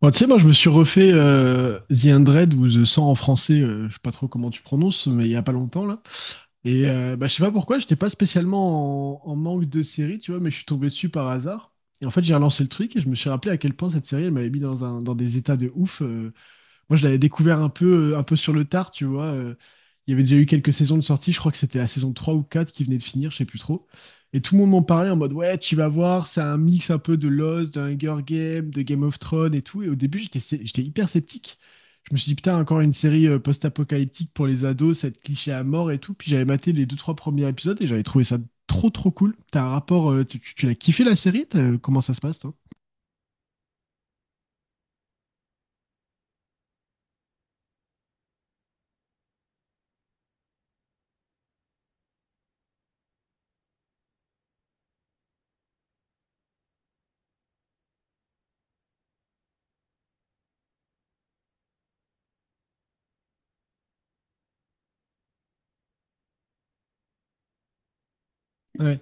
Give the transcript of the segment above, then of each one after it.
Bon, tu sais, moi, je me suis refait The 100 ou The 100 en français, je sais pas trop comment tu prononces, mais il y a pas longtemps, là. Et je sais pas pourquoi, j'étais pas spécialement en manque de série, tu vois, mais je suis tombé dessus par hasard. Et en fait, j'ai relancé le truc et je me suis rappelé à quel point cette série, elle m'avait mis dans dans des états de ouf. Moi, je l'avais découvert un peu sur le tard, tu vois. Il y avait déjà eu quelques saisons de sortie, je crois que c'était la saison 3 ou 4 qui venait de finir, je sais plus trop. Et tout le monde m'en parlait en mode, ouais, tu vas voir, c'est un mix un peu de Lost, de Hunger Games, de Game of Thrones et tout. Et au début, j'étais hyper sceptique. Je me suis dit, putain, encore une série post-apocalyptique pour les ados, ça va être cliché à mort et tout. Puis j'avais maté les deux, trois premiers épisodes et j'avais trouvé ça trop, trop cool. T'as un rapport, tu l'as kiffé la série? Comment ça se passe, toi? Ouais.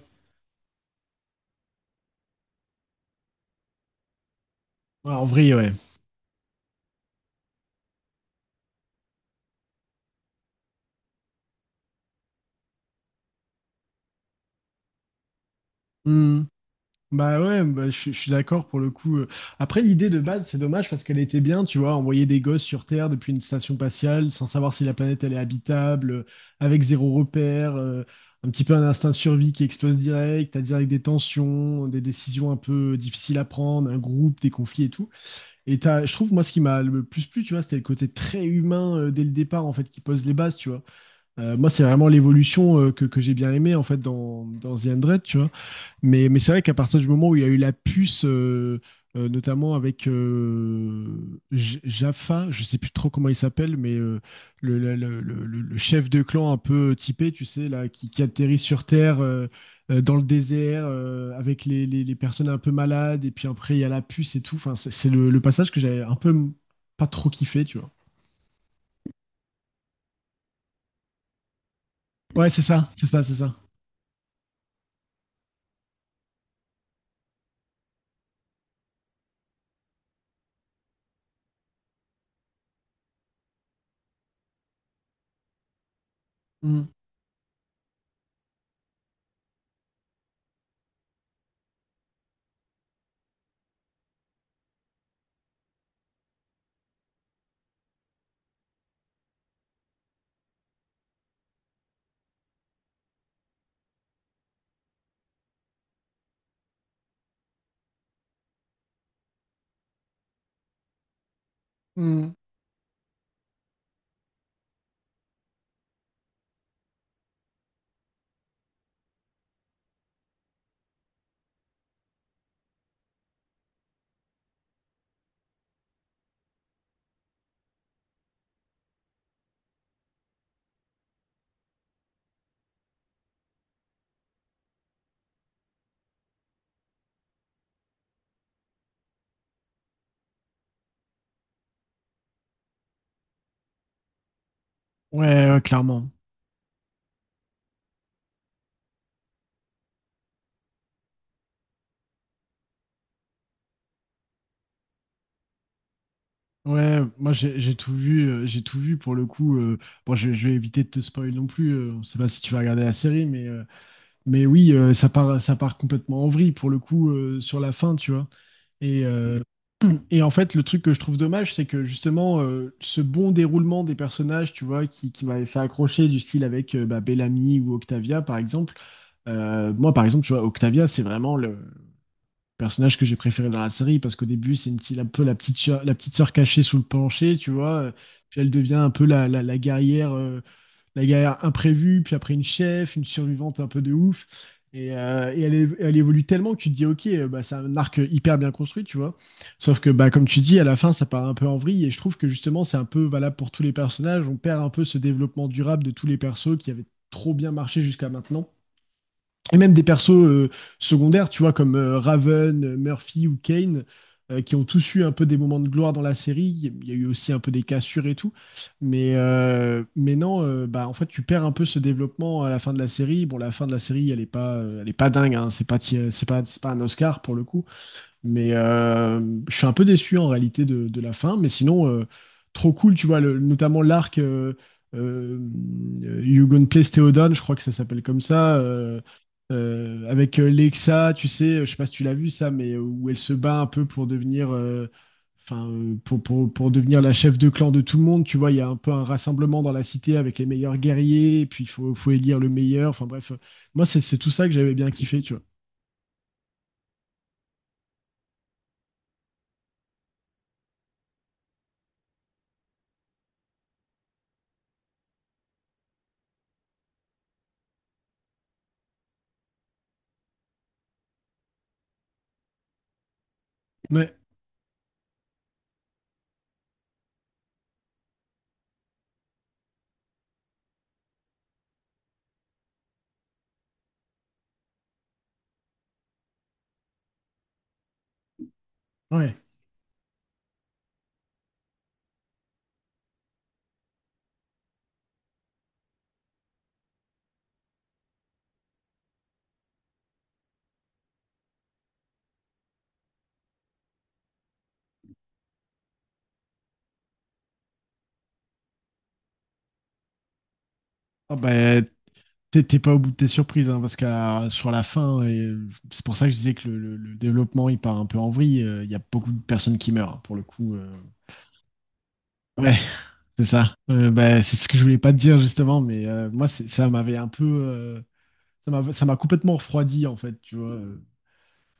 Ouais, en vrai, ouais. Hmm. Bah ouais, bah je suis d'accord pour le coup. Après, l'idée de base, c'est dommage parce qu'elle était bien, tu vois, envoyer des gosses sur Terre depuis une station spatiale sans savoir si la planète elle est habitable, avec zéro repère, un petit peu un instinct de survie qui explose direct, à direct des tensions, des décisions un peu difficiles à prendre, un groupe, des conflits et tout. Et t'as, je trouve, moi, ce qui m'a le plus plu, tu vois, c'était le côté très humain dès le départ, en fait, qui pose les bases, tu vois. Moi, c'est vraiment l'évolution que j'ai bien aimé, en fait, dans The Hundred, tu vois. Mais c'est vrai qu'à partir du moment où il y a eu la puce, notamment avec Jaffa, je sais plus trop comment il s'appelle, mais euh, chef de clan un peu typé, tu sais, là, qui atterrit sur Terre dans le désert avec les personnes un peu malades, et puis après il y a la puce et tout. Enfin, c'est le passage que j'avais un peu pas trop kiffé, tu vois. Ouais, c'est ça, c'est ça, c'est ça. Mm. Mm. Ouais, ouais, clairement. Ouais, moi j'ai tout vu, j'ai tout vu pour le coup. Bon, je vais éviter de te spoiler non plus. On sait pas si tu vas regarder la série, mais oui, ça part complètement en vrille pour le coup sur la fin, tu vois. Et euh, et en fait, le truc que je trouve dommage, c'est que justement ce bon déroulement des personnages, tu vois, qui m'avait fait accrocher du style avec Bellamy ou Octavia par exemple. Moi par exemple, tu vois, Octavia, c'est vraiment le personnage que j'ai préféré dans la série parce qu'au début c'est une petite, un peu la petite sœur cachée sous le plancher tu vois, puis elle devient un peu la guerrière, la guerrière imprévue puis après une chef une survivante un peu de ouf. Et, et elle évolue tellement que tu te dis ok, c'est un arc hyper bien construit tu vois, sauf que bah comme tu dis à la fin ça part un peu en vrille et je trouve que justement c'est un peu valable pour tous les personnages. On perd un peu ce développement durable de tous les persos qui avaient trop bien marché jusqu'à maintenant, et même des persos secondaires, tu vois, comme Raven, Murphy ou Kane, qui ont tous eu un peu des moments de gloire dans la série. Il y a eu aussi un peu des cassures et tout. Mais non, en fait, tu perds un peu ce développement à la fin de la série. Bon, la fin de la série, elle est pas dingue, hein. C'est pas, ti- c'est pas un Oscar pour le coup. Mais je suis un peu déçu en réalité de la fin. Mais sinon, trop cool, tu vois, le- notamment l'arc euh, You Gonna Place Theodon, je crois que ça s'appelle comme ça. Avec Lexa, tu sais, je sais pas si tu l'as vu ça, mais où elle se bat un peu pour devenir, pour devenir la chef de clan de tout le monde. Tu vois, il y a un peu un rassemblement dans la cité avec les meilleurs guerriers, et puis faut élire le meilleur. Enfin bref, moi, c'est tout ça que j'avais bien kiffé, tu vois. Ouais, ouais. Ah bah, t'es pas au bout de tes surprises, hein, parce que sur la fin, c'est pour ça que je disais que le développement il part un peu en vrille. Il y a beaucoup de personnes qui meurent, hein, pour le coup. Ouais, c'est ça. C'est ce que je voulais pas te dire justement, mais moi ça m'avait un peu, ça m'a complètement refroidi en fait, tu vois.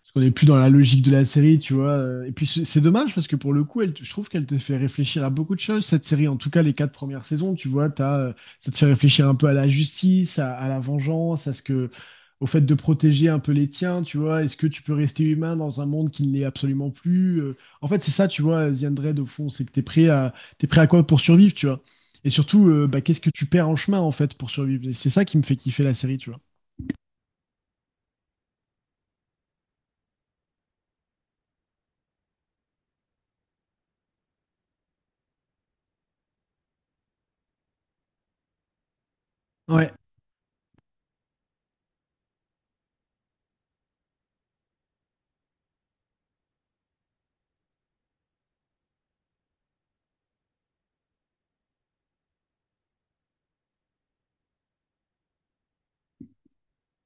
Parce qu'on n'est plus dans la logique de la série, tu vois. Et puis c'est dommage parce que pour le coup, je trouve qu'elle te fait réfléchir à beaucoup de choses, cette série, en tout cas les quatre premières saisons, tu vois, t'as, ça te fait réfléchir un peu à la justice, à la vengeance, au fait de protéger un peu les tiens, tu vois, est-ce que tu peux rester humain dans un monde qui ne l'est absolument plus? En fait, c'est ça, tu vois, The Undead, au fond, c'est que t'es prêt à quoi pour survivre, tu vois. Et surtout, qu'est-ce que tu perds en chemin, en fait, pour survivre? Et c'est ça qui me fait kiffer la série, tu vois. Ouais,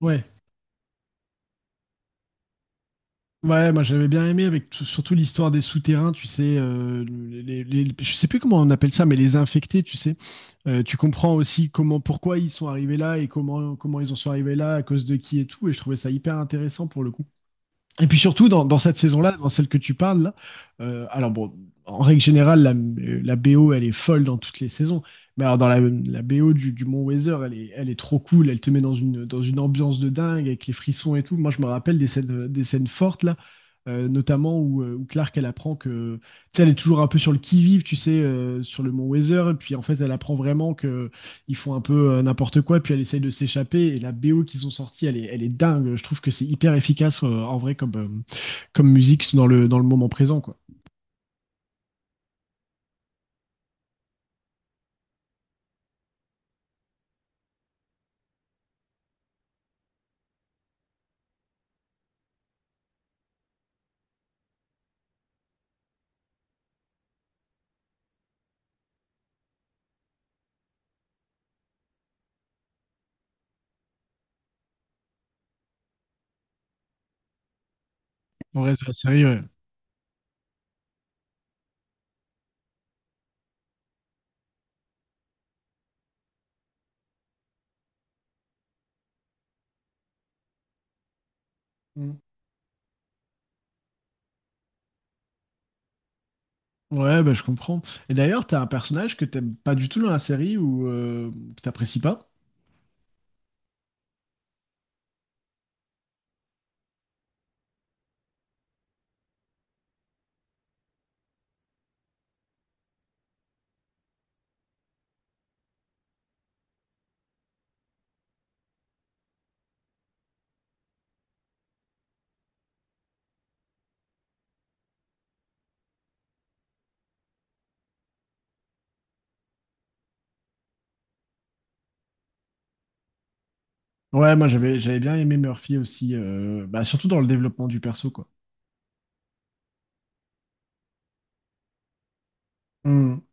ouais. Ouais, moi j'avais bien aimé avec surtout l'histoire des souterrains, tu sais, je sais plus comment on appelle ça, mais les infectés, tu sais. Tu comprends aussi comment, pourquoi ils sont arrivés là et comment, comment ils en sont arrivés là, à cause de qui et tout. Et je trouvais ça hyper intéressant pour le coup. Et puis surtout, dans cette saison-là, dans celle que tu parles, là, alors bon, en règle générale, la BO, elle est folle dans toutes les saisons. Mais alors, la BO du Mont Weather, elle est trop cool. Elle te met dans dans une ambiance de dingue avec les frissons et tout. Moi, je me rappelle des scènes fortes, là, notamment où, où Clark, elle apprend que. Tu sais, elle est toujours un peu sur le qui-vive, tu sais, sur le Mont Weather. Et puis, en fait, elle apprend vraiment que ils font un peu n'importe quoi, puis elle essaye de s'échapper. Et la BO qu'ils ont sortie, elle est dingue. Je trouve que c'est hyper efficace en vrai comme, comme musique dans le moment présent, quoi. Dans le reste de la série, ouais. Mm. Ouais, bah, je comprends. Et d'ailleurs, t'as un personnage que t'aimes pas du tout dans la série ou que t'apprécies pas. Ouais, moi j'avais bien aimé Murphy aussi, surtout dans le développement du perso, quoi. Mm.